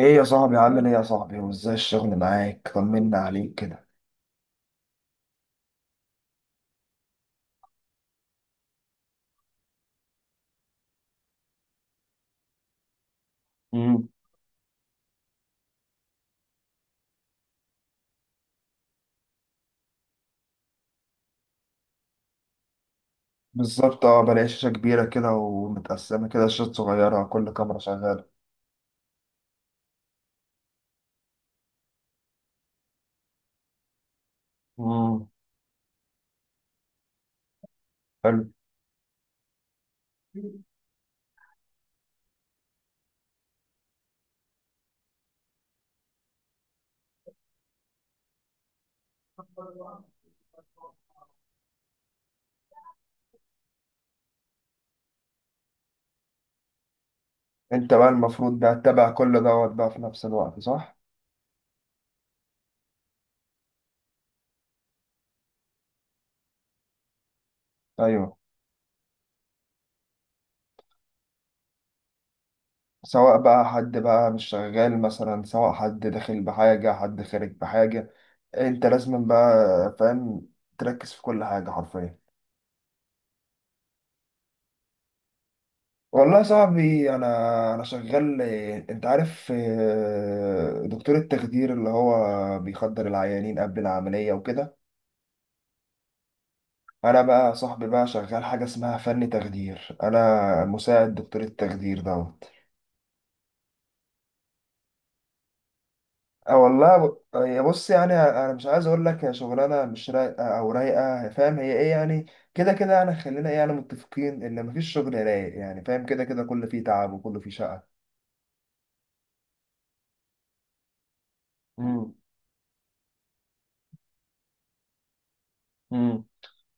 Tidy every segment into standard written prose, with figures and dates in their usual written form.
ايه يا صاحبي، عامل ايه يا صاحبي، وازاي الشغل معاك؟ طمنا عليك كده. امم بالظبط، اه، بلاقي شاشة كبيرة كده ومتقسمة كده شاشات صغيرة، كل كاميرا شغالة. امم حلو. انت بقى المفروض بقى تتابع كل دوت بقى في نفس الوقت، صح؟ ايوه. سواء بقى حد بقى مش شغال مثلا، سواء حد داخل بحاجة حد خارج بحاجة، انت لازم بقى، فاهم، تركز في كل حاجة حرفيا. والله يا صاحبي، انا شغال إيه، انت عارف إيه، دكتور التخدير اللي هو بيخدر العيانين قبل العمليه وكده. انا بقى يا صاحبي بقى شغال حاجه اسمها فن تخدير، انا مساعد دكتور التخدير دوت. اه والله، يا بص يعني، انا مش عايز اقول لك يا شغلانه مش رايقه او رايقه، فاهم هي ايه يعني. كده كده يعني، خلينا ايه يعني، متفقين ان مفيش شغل رايق، يعني فاهم، كده كده كله فيه تعب وكله فيه شقه. امم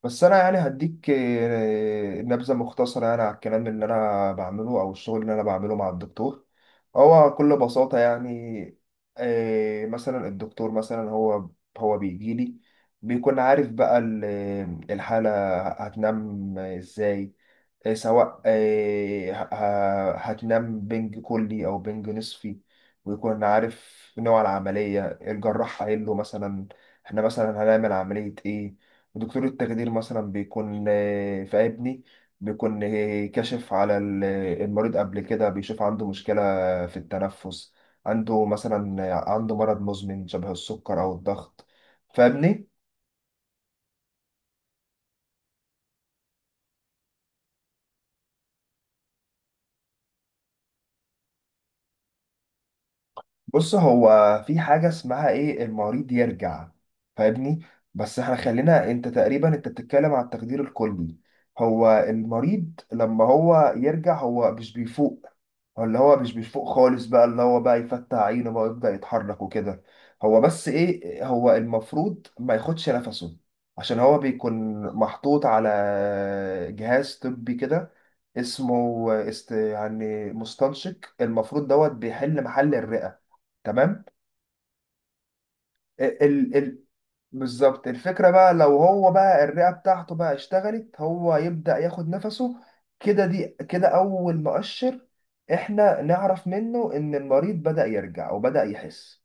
بس انا يعني هديك نبذه مختصره يعني على الكلام اللي انا بعمله او الشغل اللي انا بعمله مع الدكتور. هو بكل بساطه يعني، مثلا الدكتور مثلا، هو بيجي لي، بيكون عارف بقى الحاله هتنام ازاي، سواء هتنام بنج كلي أو بنج نصفي، ويكون عارف نوع العملية، الجراح قايل له مثلا احنا مثلا هنعمل عملية ايه. ودكتور التخدير مثلا بيكون في ابني، بيكون كاشف على المريض قبل كده، بيشوف عنده مشكلة في التنفس، عنده مثلا عنده مرض مزمن شبه السكر أو الضغط. فاهمني؟ بص، هو في حاجة اسمها ايه، المريض يرجع، فاهمني. بس احنا خلينا، انت تقريبا انت بتتكلم على التقدير الكلي. هو المريض لما هو يرجع، هو مش بيفوق، هو اللي هو مش بيفوق خالص بقى، اللي هو بقى يفتح عينه بقى ويبدأ يتحرك وكده. هو بس ايه، هو المفروض ما ياخدش نفسه، عشان هو بيكون محطوط على جهاز طبي كده اسمه يعني مستنشق، المفروض دوت بيحل محل الرئة. تمام. ال ال ال- بالظبط، الفكرة بقى لو هو بقى الرئة بتاعته بقى اشتغلت، هو يبدأ ياخد نفسه. كده دي كده أول مؤشر إحنا نعرف منه إن المريض بدأ يرجع وبدأ يحس.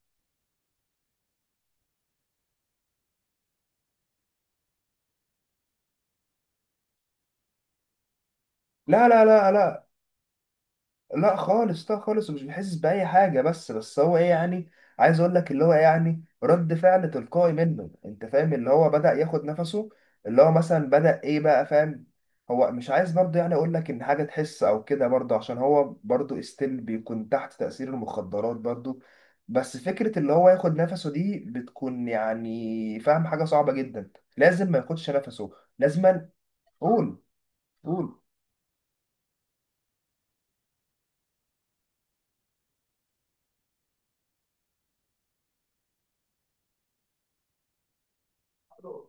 لا لا لا لا، لا خالص، لا خالص، ومش بيحس بأي حاجة، بس هو ايه يعني، عايز اقول لك اللي هو إيه يعني، رد فعل تلقائي منه، انت فاهم، اللي هو بدأ ياخد نفسه، اللي هو مثلا بدأ ايه بقى، فاهم. هو مش عايز برضه يعني اقول لك ان حاجة تحس او كده برضه، عشان هو برضه استيل بيكون تحت تأثير المخدرات برضه. بس فكرة اللي هو ياخد نفسه دي بتكون يعني، فاهم، حاجة صعبة جدا، لازم ما ياخدش نفسه. لازما. قول قول.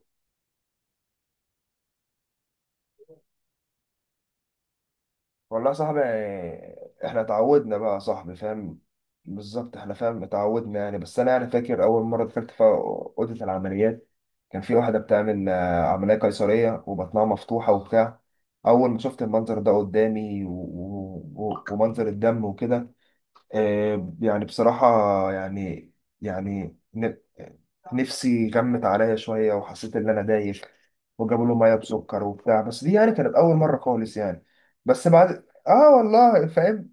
والله يا صاحبي يعني، احنا اتعودنا بقى يا صاحبي، فاهم، بالظبط، احنا فاهم اتعودنا يعني. بس انا يعني فاكر اول مره دخلت في اوضه العمليات، كان في واحده بتعمل عمليه قيصريه وبطنها مفتوحه وبتاع. اول ما شفت المنظر ده قدامي ومنظر الدم وكده، يعني بصراحه، يعني يعني نفسي غمت عليا شوية وحسيت إن أنا دايخ، وجابوا له مية بسكر وبتاع، بس دي يعني كانت أول مرة خالص يعني. بس بعد، والله فاهم.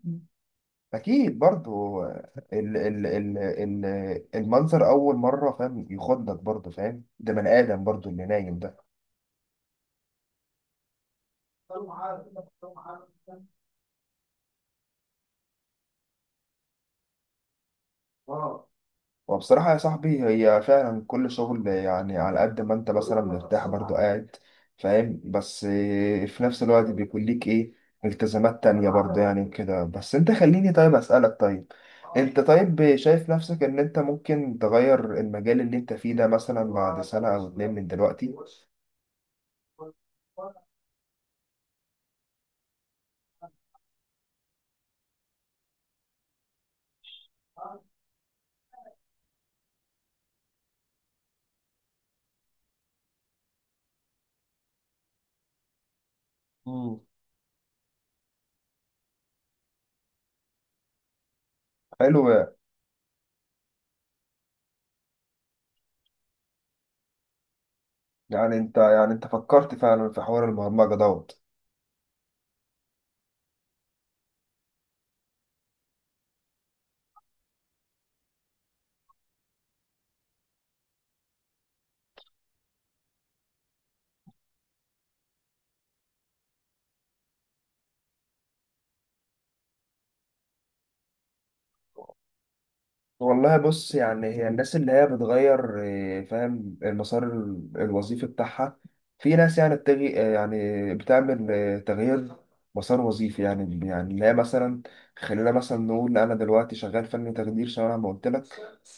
أكيد برضو ال... ال... ال... المنظر أول مرة، فاهم، يخضك برضو، فاهم، ده بني آدم برضو اللي نايم ده. وبصراحة يا صاحبي، هي فعلا كل شغل يعني، على قد ما انت مثلا مرتاح برضو قاعد، فاهم، بس في نفس الوقت بيكون ليك ايه، التزامات تانية برضو يعني وكده. بس انت خليني طيب اسألك، طيب انت، طيب شايف نفسك ان انت ممكن تغير المجال اللي انت فيه ده مثلا بعد سنة او اتنين من دلوقتي؟ مم. حلو. يعني انت، يعني انت فكرت فعلا في حوار البرمجة دوت؟ والله، بص يعني، هي الناس اللي هي بتغير فاهم المسار الوظيفي بتاعها، في ناس يعني بتجي يعني بتعمل تغيير مسار وظيفي يعني، يعني اللي هي مثلا، خلينا مثلا نقول انا دلوقتي شغال فني تخدير شبه ما قلت لك،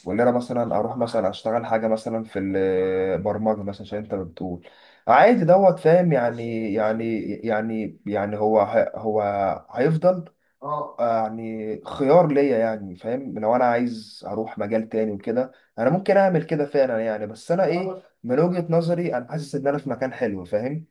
وان انا مثلا اروح مثلا اشتغل حاجه مثلا في البرمجه مثلا عشان انت بتقول عادي دوت، فاهم يعني هو هيفضل يعني خيار ليا يعني، فاهم، لو انا عايز اروح مجال تاني وكده، انا ممكن اعمل كده فعلا يعني. بس انا ايه، من وجهة نظري انا حاسس ان انا في مكان حلو، فاهم.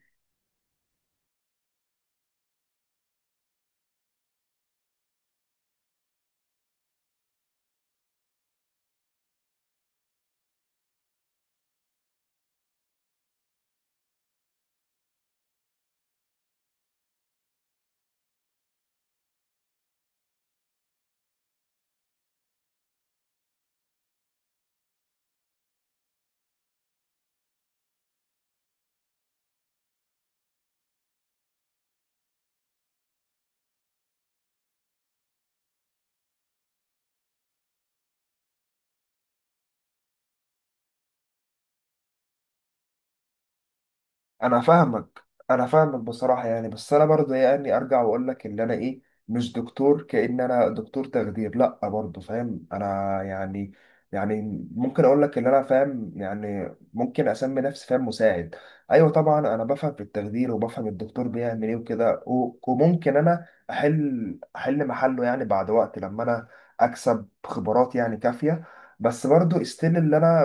انا فاهمك، انا فاهمك بصراحه يعني، بس انا برضه يعني ارجع واقول لك ان انا ايه، مش دكتور، كأن انا دكتور تخدير، لا برضه، فاهم. انا يعني يعني ممكن اقول لك ان انا فاهم، يعني ممكن اسمي نفسي، فاهم، مساعد. ايوه طبعا، انا بفهم في التخدير وبفهم الدكتور بيعمل ايه وكده، و- وممكن انا احل محله يعني بعد وقت لما انا اكسب خبرات يعني كافيه، بس برضو استيل اللي انا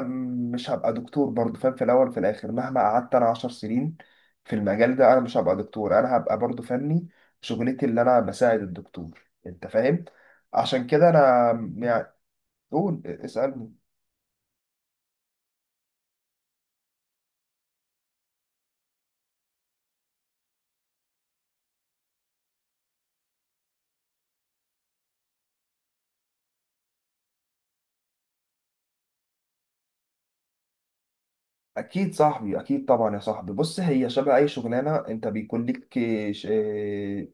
مش هبقى دكتور برضو، فاهم، في الاول وفي الاخر مهما قعدت انا 10 سنين في المجال ده، انا مش هبقى دكتور، انا هبقى برضو فني، شغلتي اللي انا بساعد الدكتور، انت فاهم. عشان كده انا يعني، قول اسألني. اكيد صاحبي، اكيد طبعا يا صاحبي. بص، هي شبه اي شغلانه، انت بيكون ليك ش-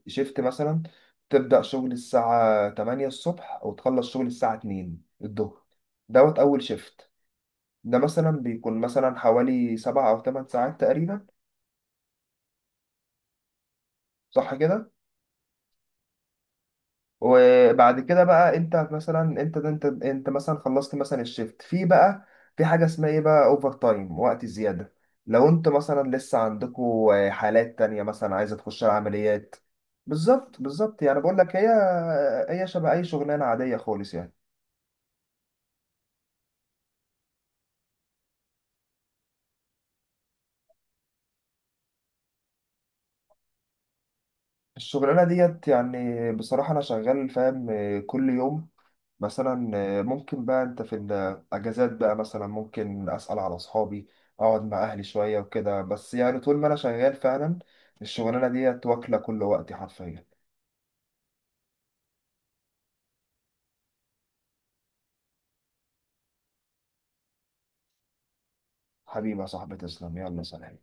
شيفت مثلا، تبدا شغل الساعه 8 الصبح وتخلص شغل الساعه 2 الظهر، دوت اول شيفت. ده مثلا بيكون مثلا حوالي 7 أو 8 ساعات تقريبا، صح كده. وبعد كده بقى أنت مثلا، أنت مثلا خلصت مثلا الشيفت، في بقى في حاجة اسمها إيه بقى، أوفر تايم، وقت زيادة، لو أنت مثلا لسه عندكوا حالات تانية مثلا عايزة تخش عمليات. بالظبط، بالظبط، يعني بقول لك، هي، هي شبه أي شغلانة عادية خالص يعني. الشغلانة ديت يعني بصراحة أنا شغال، فاهم، كل يوم مثلا. ممكن بقى انت في الاجازات بقى مثلا ممكن اسال على اصحابي، اقعد مع اهلي شويه وكده، بس يعني طول ما انا شغال فعلا، الشغلانه ديت واكله كل وقتي حرفيا. حبيبي يا صاحبي، تسلم، يلا سلام.